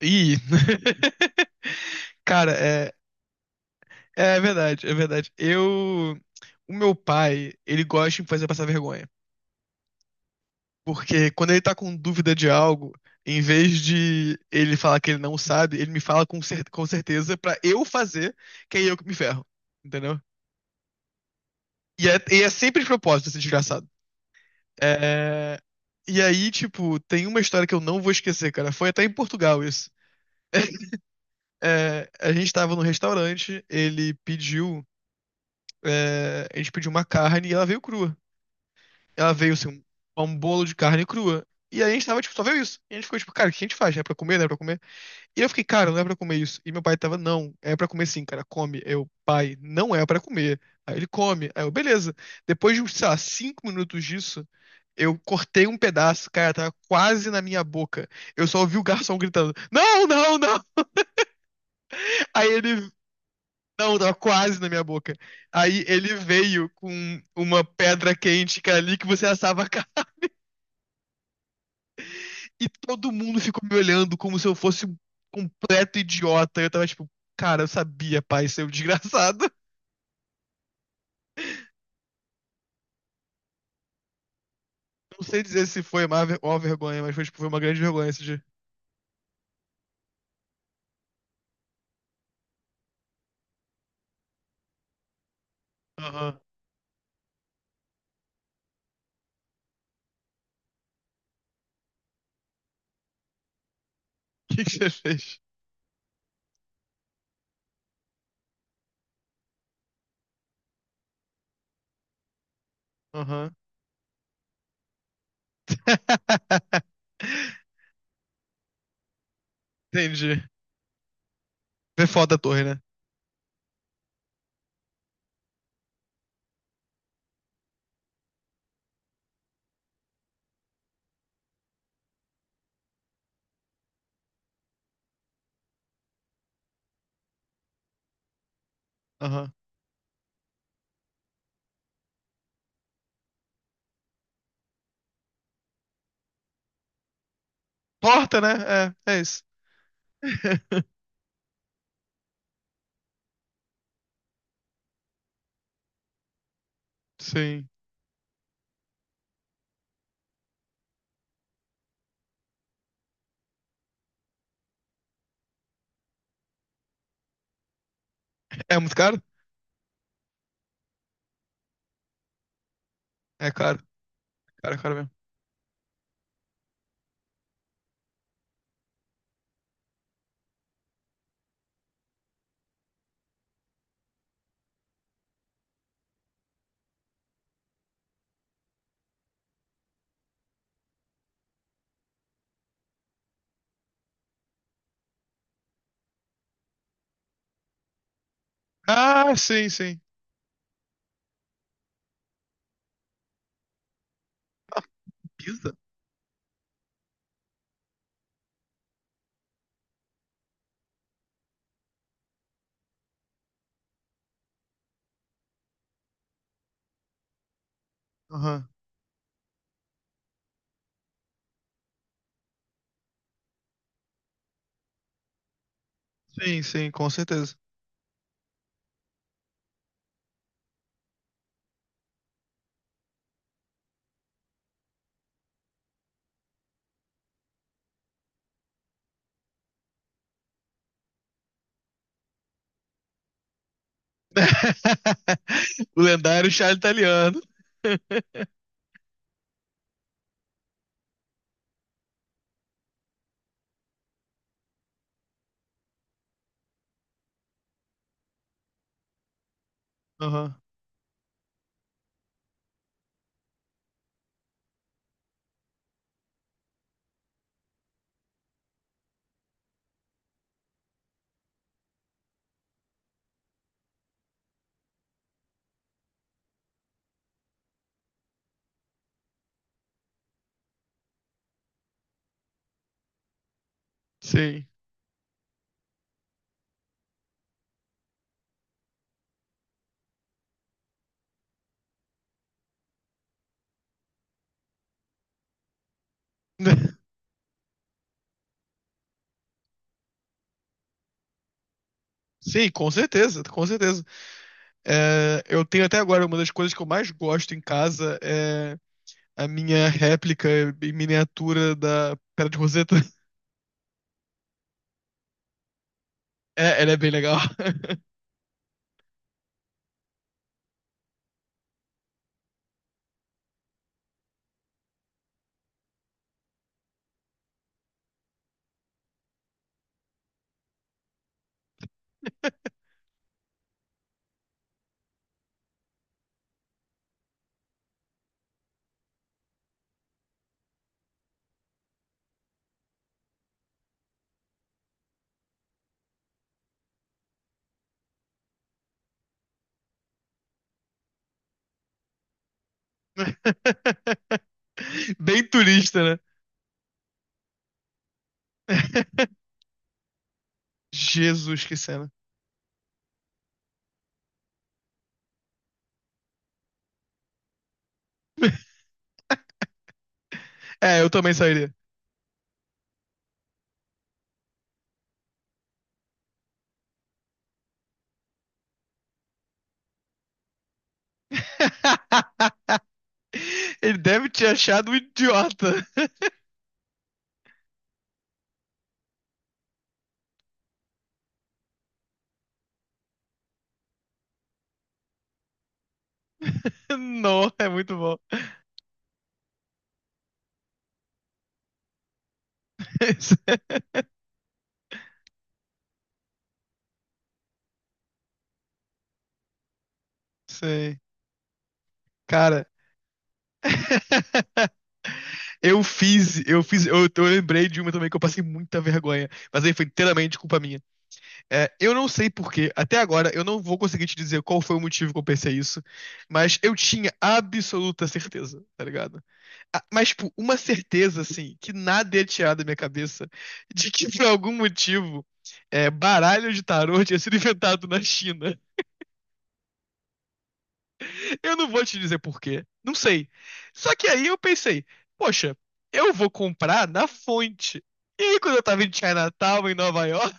Ih! Cara, é verdade, é verdade. Eu. O meu pai, ele gosta de me fazer passar vergonha. Porque quando ele tá com dúvida de algo, em vez de ele falar que ele não sabe, ele me fala com, cer com certeza pra eu fazer, que é eu que me ferro. Entendeu? E é sempre de propósito esse desgraçado. É... E aí, tipo, tem uma história que eu não vou esquecer, cara. Foi até em Portugal isso. É, a gente tava num restaurante, a gente pediu uma carne e ela veio crua. Ela veio assim, um bolo de carne crua. E aí a gente tava, tipo, só veio isso. E a gente ficou, tipo, cara, o que a gente faz? É pra comer, não é pra comer? E eu fiquei, cara, não é pra comer isso. E meu pai tava, não, é pra comer sim, cara, come. Eu, pai, não é pra comer. Aí ele come. Aí eu, beleza. Depois de, sei lá, 5 minutos disso, eu cortei um pedaço, cara, tava quase na minha boca. Eu só ouvi o garçom gritando, não, não, não. Aí ele Não, tava quase na minha boca. Aí ele veio com uma pedra quente, cara, ali que você assava a carne. E todo mundo ficou me olhando como se eu fosse um completo idiota. Eu tava tipo, cara, eu sabia, pai, seu desgraçado. Não sei dizer se foi uma, uma vergonha, mas foi, tipo, foi uma grande vergonha esse dia. Aham. O que que você fez? Aham. Entendi. Vê foda a torre, né? Aham. Torta, né? É, é isso. Sim. É muito caro? É caro. Cara, caro. Ah, sim, sim. Pisa? Aham. Sim, sim, com certeza. O lendário chá italiano. Aham. Sim. Sim, com certeza, com certeza. É, eu tenho até agora uma das coisas que eu mais gosto em casa é a minha réplica em miniatura da Pedra de Roseta. É, ela é bem legal. Bem turista, né? Jesus, que cena. É, eu também sairia. Ele deve te achar um idiota. Não, é muito bom. Sei. Cara, eu lembrei de uma também que eu passei muita vergonha, mas aí foi inteiramente culpa minha. É, eu não sei por quê, até agora eu não vou conseguir te dizer qual foi o motivo que eu pensei isso, mas eu tinha absoluta certeza, tá ligado? Ah, mas, tipo, uma certeza, assim, que nada ia tirar da minha cabeça de que, por algum motivo, baralho de tarô tinha sido inventado na China. Eu não vou te dizer por quê. Não sei. Só que aí eu pensei, poxa, eu vou comprar na fonte. E aí, quando eu tava em Chinatown, em Nova York,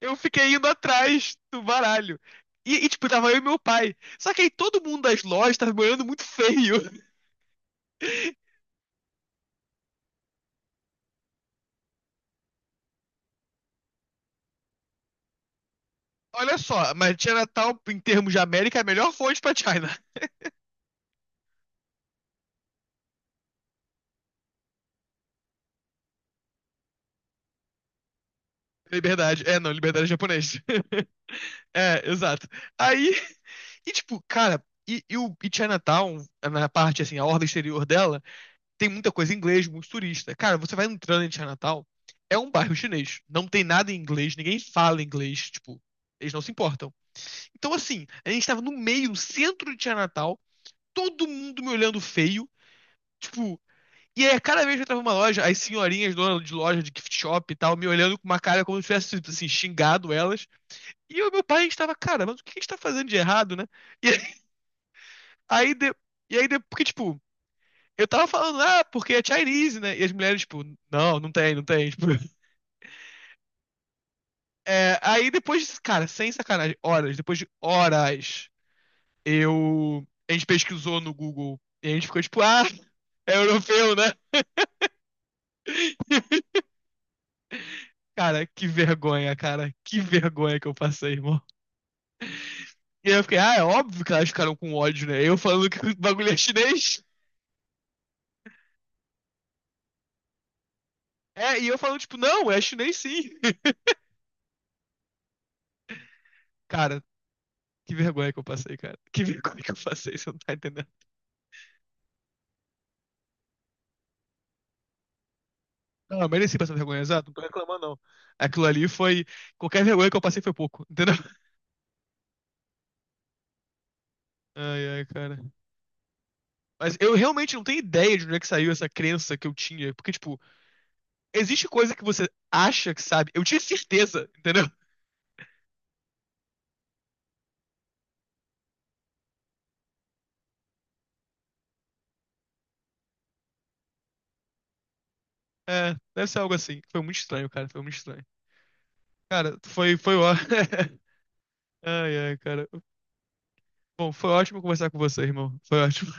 eu fiquei indo atrás do baralho. Tipo, tava eu e meu pai. Só que aí todo mundo das lojas tava me olhando muito feio. Olha só, mas Chinatown, em termos de América, é a melhor fonte pra China. Liberdade. É, não, liberdade é japonês. É, exato. Aí, e tipo, cara, e, o, e Chinatown, na parte assim, a orla exterior dela, tem muita coisa em inglês, muito turista. Cara, você vai entrando em Chinatown, é um bairro chinês. Não tem nada em inglês, ninguém fala inglês, tipo, eles não se importam. Então, assim, a gente tava no meio, no centro de Chinatown, todo mundo me olhando feio, tipo. E aí, cada vez que eu entrava numa loja, as senhorinhas donas de loja de gift shop e tal, me olhando com uma cara como se eu tivesse, assim, xingado elas. E o meu pai estava, cara, mas o que a gente tá fazendo de errado, né? E aí, de- porque, tipo, eu tava falando, ah, porque é Chinese, né? E as mulheres, tipo, não, não tem, não tem. Tipo, é, aí depois, cara, sem sacanagem, depois de horas, eu. A gente pesquisou no Google e a gente ficou, tipo, ah, é europeu, né? Cara. Que vergonha que eu passei, irmão. E aí eu fiquei, ah, é óbvio que elas ficaram com ódio, né? Eu falando que o bagulho é chinês. É, e eu falando, tipo, não, é chinês sim. Cara, que vergonha que eu passei, cara. Que vergonha que eu passei, você não tá entendendo. Não, eu mereci passar vergonha, exato, não tô reclamando, não. Aquilo ali foi. Qualquer vergonha que eu passei foi pouco, entendeu? Ai, ai, cara. Mas eu realmente não tenho ideia de onde é que saiu essa crença que eu tinha. Porque, tipo, existe coisa que você acha que sabe. Eu tinha certeza, entendeu? É, deve ser algo assim. Foi muito estranho, cara. Foi muito estranho. Cara, foi, foi ó. Ai, ai, cara. Bom, foi ótimo conversar com você, irmão. Foi ótimo.